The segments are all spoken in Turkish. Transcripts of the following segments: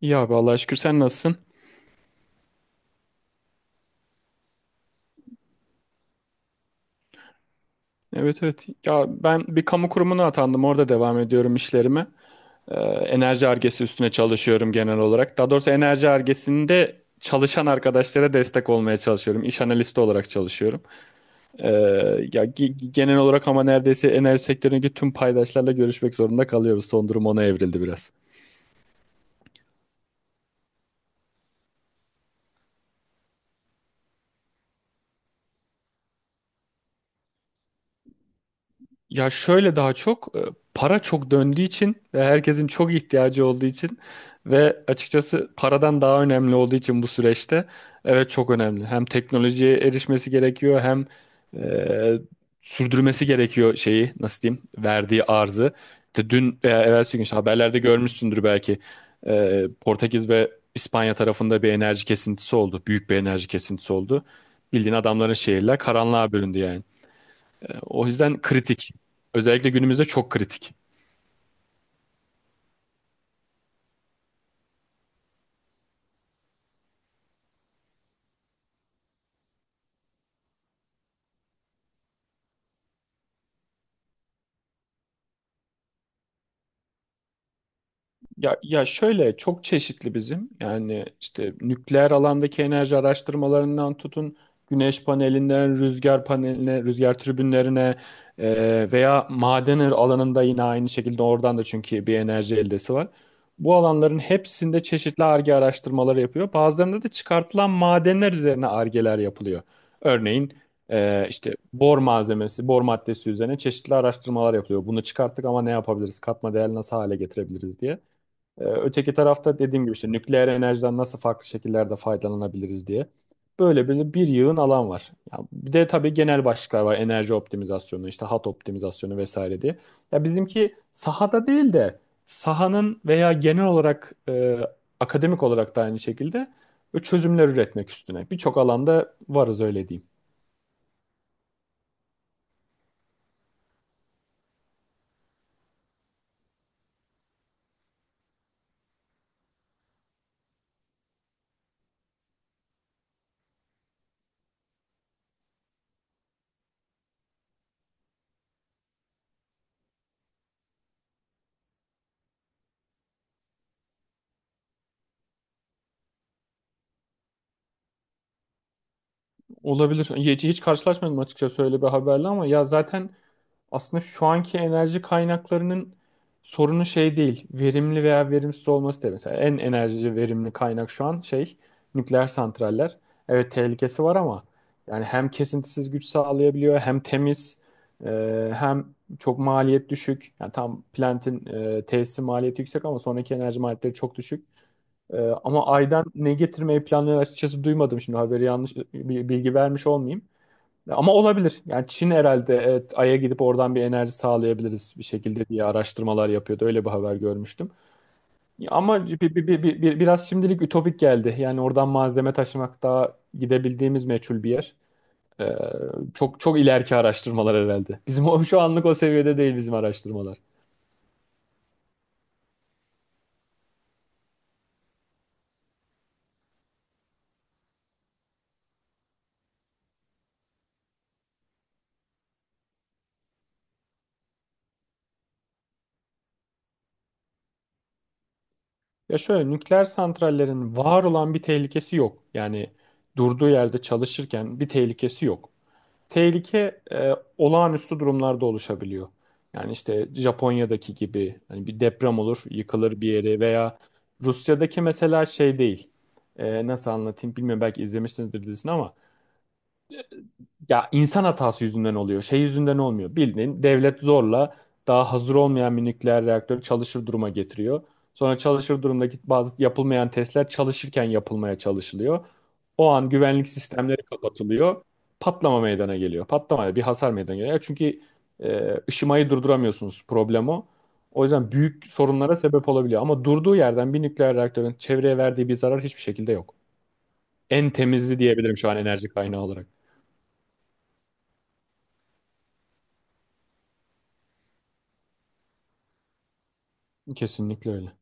İyi abi Allah'a şükür sen nasılsın? Evet evet. Ya ben bir kamu kurumuna atandım. Orada devam ediyorum işlerime. Enerji argesi üstüne çalışıyorum genel olarak. Daha doğrusu enerji argesinde çalışan arkadaşlara destek olmaya çalışıyorum. İş analisti olarak çalışıyorum. Ee, ya genel olarak ama neredeyse enerji sektöründeki tüm paydaşlarla görüşmek zorunda kalıyoruz. Son durum ona evrildi biraz. Ya şöyle daha çok para çok döndüğü için ve herkesin çok ihtiyacı olduğu için ve açıkçası paradan daha önemli olduğu için bu süreçte evet çok önemli. Hem teknolojiye erişmesi gerekiyor hem e, sürdürmesi gerekiyor şeyi nasıl diyeyim verdiği arzı. İşte dün veya evvelsi gün işte haberlerde görmüşsündür belki Portekiz ve İspanya tarafında bir enerji kesintisi oldu. Büyük bir enerji kesintisi oldu. Bildiğin adamların şehirler karanlığa büründü yani. O yüzden kritik. Özellikle günümüzde çok kritik. Ya şöyle çok çeşitli bizim yani işte nükleer alandaki enerji araştırmalarından tutun güneş panelinden rüzgar paneline rüzgar tribünlerine veya maden alanında yine aynı şekilde oradan da çünkü bir enerji eldesi var. Bu alanların hepsinde çeşitli arge araştırmaları yapıyor. Bazılarında da çıkartılan madenler üzerine argeler yapılıyor. Örneğin işte bor malzemesi, bor maddesi üzerine çeşitli araştırmalar yapılıyor. Bunu çıkarttık ama ne yapabiliriz? Katma değer nasıl hale getirebiliriz diye. Öteki tarafta dediğim gibi işte nükleer enerjiden nasıl farklı şekillerde faydalanabiliriz diye. Böyle böyle bir yığın alan var. Ya bir de tabii genel başlıklar var. Enerji optimizasyonu, işte hat optimizasyonu vesaire diye. Ya bizimki sahada değil de sahanın veya genel olarak akademik olarak da aynı şekilde çözümler üretmek üstüne. Birçok alanda varız öyle diyeyim. Olabilir. Hiç karşılaşmadım açıkçası öyle bir haberle ama ya zaten aslında şu anki enerji kaynaklarının sorunu şey değil. Verimli veya verimsiz olması değil. Mesela en enerji verimli kaynak şu an şey nükleer santraller. Evet tehlikesi var ama yani hem kesintisiz güç sağlayabiliyor hem temiz hem çok maliyet düşük. Yani tam Plant'in tesisi maliyeti yüksek ama sonraki enerji maliyetleri çok düşük. Ama Ay'dan ne getirmeyi planlıyor açıkçası duymadım. Şimdi haberi yanlış bir bilgi vermiş olmayayım. Ama olabilir. Yani Çin herhalde evet, Ay'a gidip oradan bir enerji sağlayabiliriz bir şekilde diye araştırmalar yapıyordu. Öyle bir haber görmüştüm. Ama biraz şimdilik ütopik geldi. Yani oradan malzeme taşımak daha gidebildiğimiz meçhul bir yer. Ee, çok çok ileriki araştırmalar herhalde. Bizim şu anlık o seviyede değil bizim araştırmalar. Ya şöyle nükleer santrallerin var olan bir tehlikesi yok. Yani durduğu yerde çalışırken bir tehlikesi yok. Tehlike olağanüstü durumlarda oluşabiliyor. Yani işte Japonya'daki gibi hani bir deprem olur, yıkılır bir yeri veya Rusya'daki mesela şey değil. Nasıl anlatayım bilmiyorum belki izlemişsinizdir dizisini ama ya insan hatası yüzünden oluyor. Şey yüzünden olmuyor. Bildiğin devlet zorla daha hazır olmayan bir nükleer reaktörü çalışır duruma getiriyor. Sonra çalışır durumdaki bazı yapılmayan testler çalışırken yapılmaya çalışılıyor. O an güvenlik sistemleri kapatılıyor. Patlama meydana geliyor. Patlama bir hasar meydana geliyor. Çünkü ışımayı durduramıyorsunuz. Problem o. O yüzden büyük sorunlara sebep olabiliyor. Ama durduğu yerden bir nükleer reaktörün çevreye verdiği bir zarar hiçbir şekilde yok. En temizi diyebilirim şu an enerji kaynağı olarak. Kesinlikle öyle.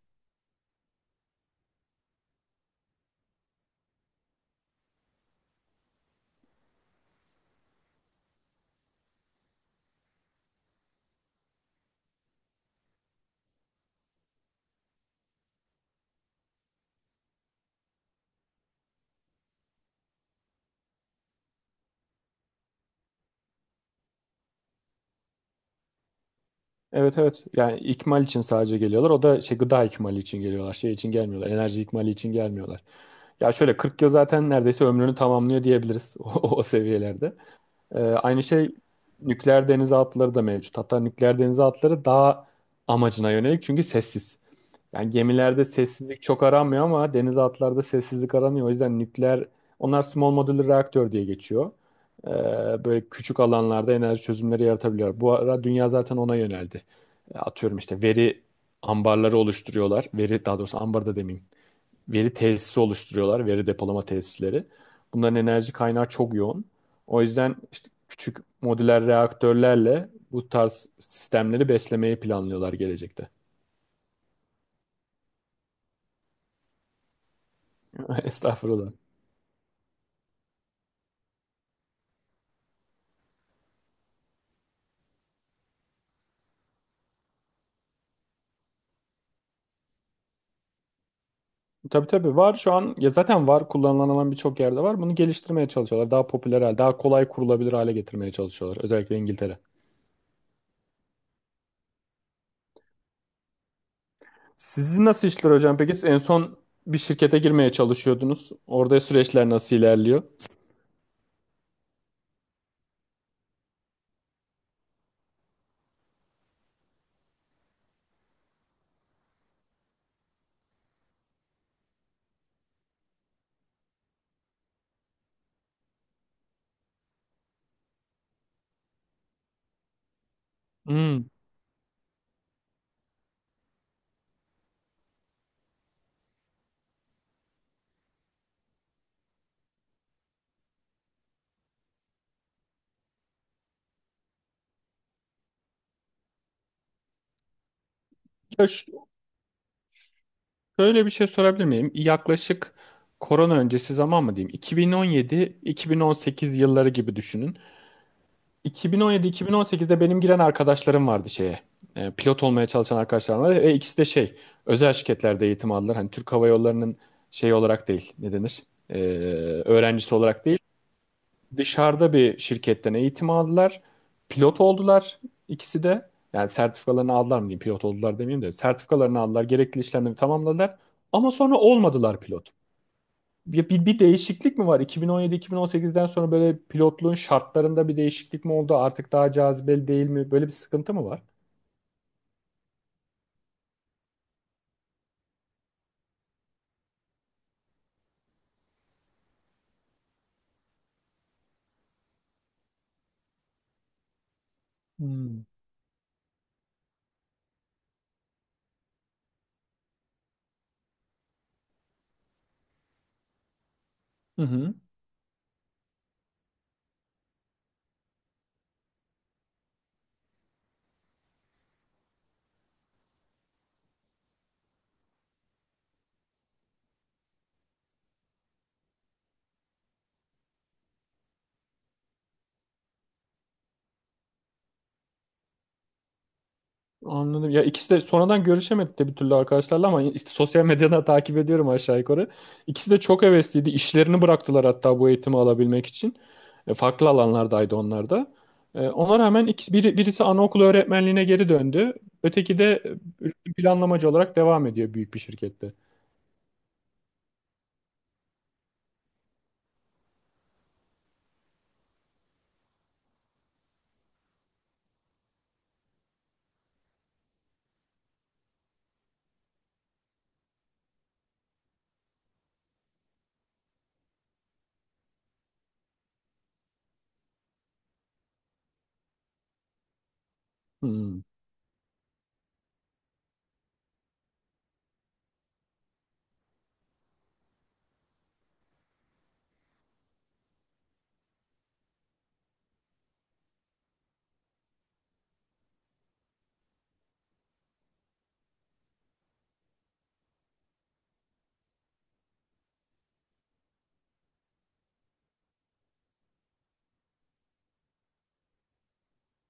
Evet evet. Yani ikmal için sadece geliyorlar. O da şey gıda ikmali için geliyorlar. Şey için gelmiyorlar. Enerji ikmali için gelmiyorlar. Ya şöyle 40 yıl zaten neredeyse ömrünü tamamlıyor diyebiliriz o seviyelerde. Aynı şey nükleer denizaltıları da mevcut. Hatta nükleer denizaltıları daha amacına yönelik çünkü sessiz. Yani gemilerde sessizlik çok aranmıyor ama denizaltılarda sessizlik aranıyor. O yüzden nükleer, onlar small modular reaktör diye geçiyor. Ee, böyle küçük alanlarda enerji çözümleri yaratabiliyor. Bu ara dünya zaten ona yöneldi. Atıyorum işte veri ambarları oluşturuyorlar. Veri daha doğrusu ambar da demeyeyim. Veri tesisi oluşturuyorlar, veri depolama tesisleri. Bunların enerji kaynağı çok yoğun. O yüzden işte küçük modüler reaktörlerle bu tarz sistemleri beslemeyi planlıyorlar gelecekte. Estağfurullah. Tabii tabii var şu an ya zaten var kullanılan alan birçok yerde var. Bunu geliştirmeye çalışıyorlar. Daha popüler hale, daha kolay kurulabilir hale getirmeye çalışıyorlar. Özellikle İngiltere. Sizin nasıl işler hocam peki? Siz en son bir şirkete girmeye çalışıyordunuz. Orada süreçler nasıl ilerliyor? Hmm. Ya şöyle bir şey sorabilir miyim? Yaklaşık korona öncesi zaman mı diyeyim? 2017-2018 yılları gibi düşünün. Bin on yedi, iki on sekizde benim giren arkadaşlarım vardı şeye. Pilot olmaya çalışan arkadaşlarım vardı. Ve ikisi de şey, özel şirketlerde eğitim aldılar. Hani Türk Hava Yolları'nın şey olarak değil, ne denir? E, öğrencisi olarak değil. Dışarıda bir şirketten eğitim aldılar. Pilot oldular ikisi de. Yani sertifikalarını aldılar mı diyeyim, pilot oldular demeyeyim de. Sertifikalarını aldılar, gerekli işlemleri tamamladılar. Ama sonra olmadılar pilot. Ya bir değişiklik mi var? 2017-2018'den sonra böyle pilotluğun şartlarında bir değişiklik mi oldu? Artık daha cazibeli değil mi? Böyle bir sıkıntı mı var? Hmm. Hı hı. Anladım. Ya ikisi de sonradan görüşemedik de bir türlü arkadaşlarla ama işte sosyal medyadan takip ediyorum aşağı yukarı. İkisi de çok hevesliydi. İşlerini bıraktılar hatta bu eğitimi alabilmek için. Farklı alanlardaydı onlar da. Ona rağmen birisi anaokulu öğretmenliğine geri döndü. Öteki de üretim planlamacı olarak devam ediyor büyük bir şirkette. Hmm.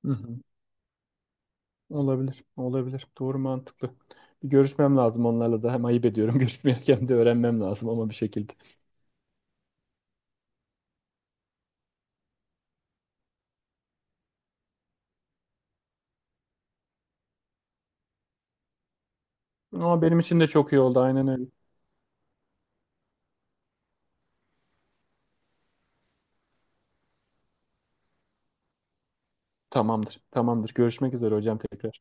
Hı hı. Olabilir. Olabilir. Doğru mantıklı. Bir görüşmem lazım onlarla da. Hem ayıp ediyorum görüşmeyken de öğrenmem lazım ama bir şekilde. Ama benim için de çok iyi oldu. Aynen öyle. Tamamdır. Tamamdır. Görüşmek üzere hocam tekrar.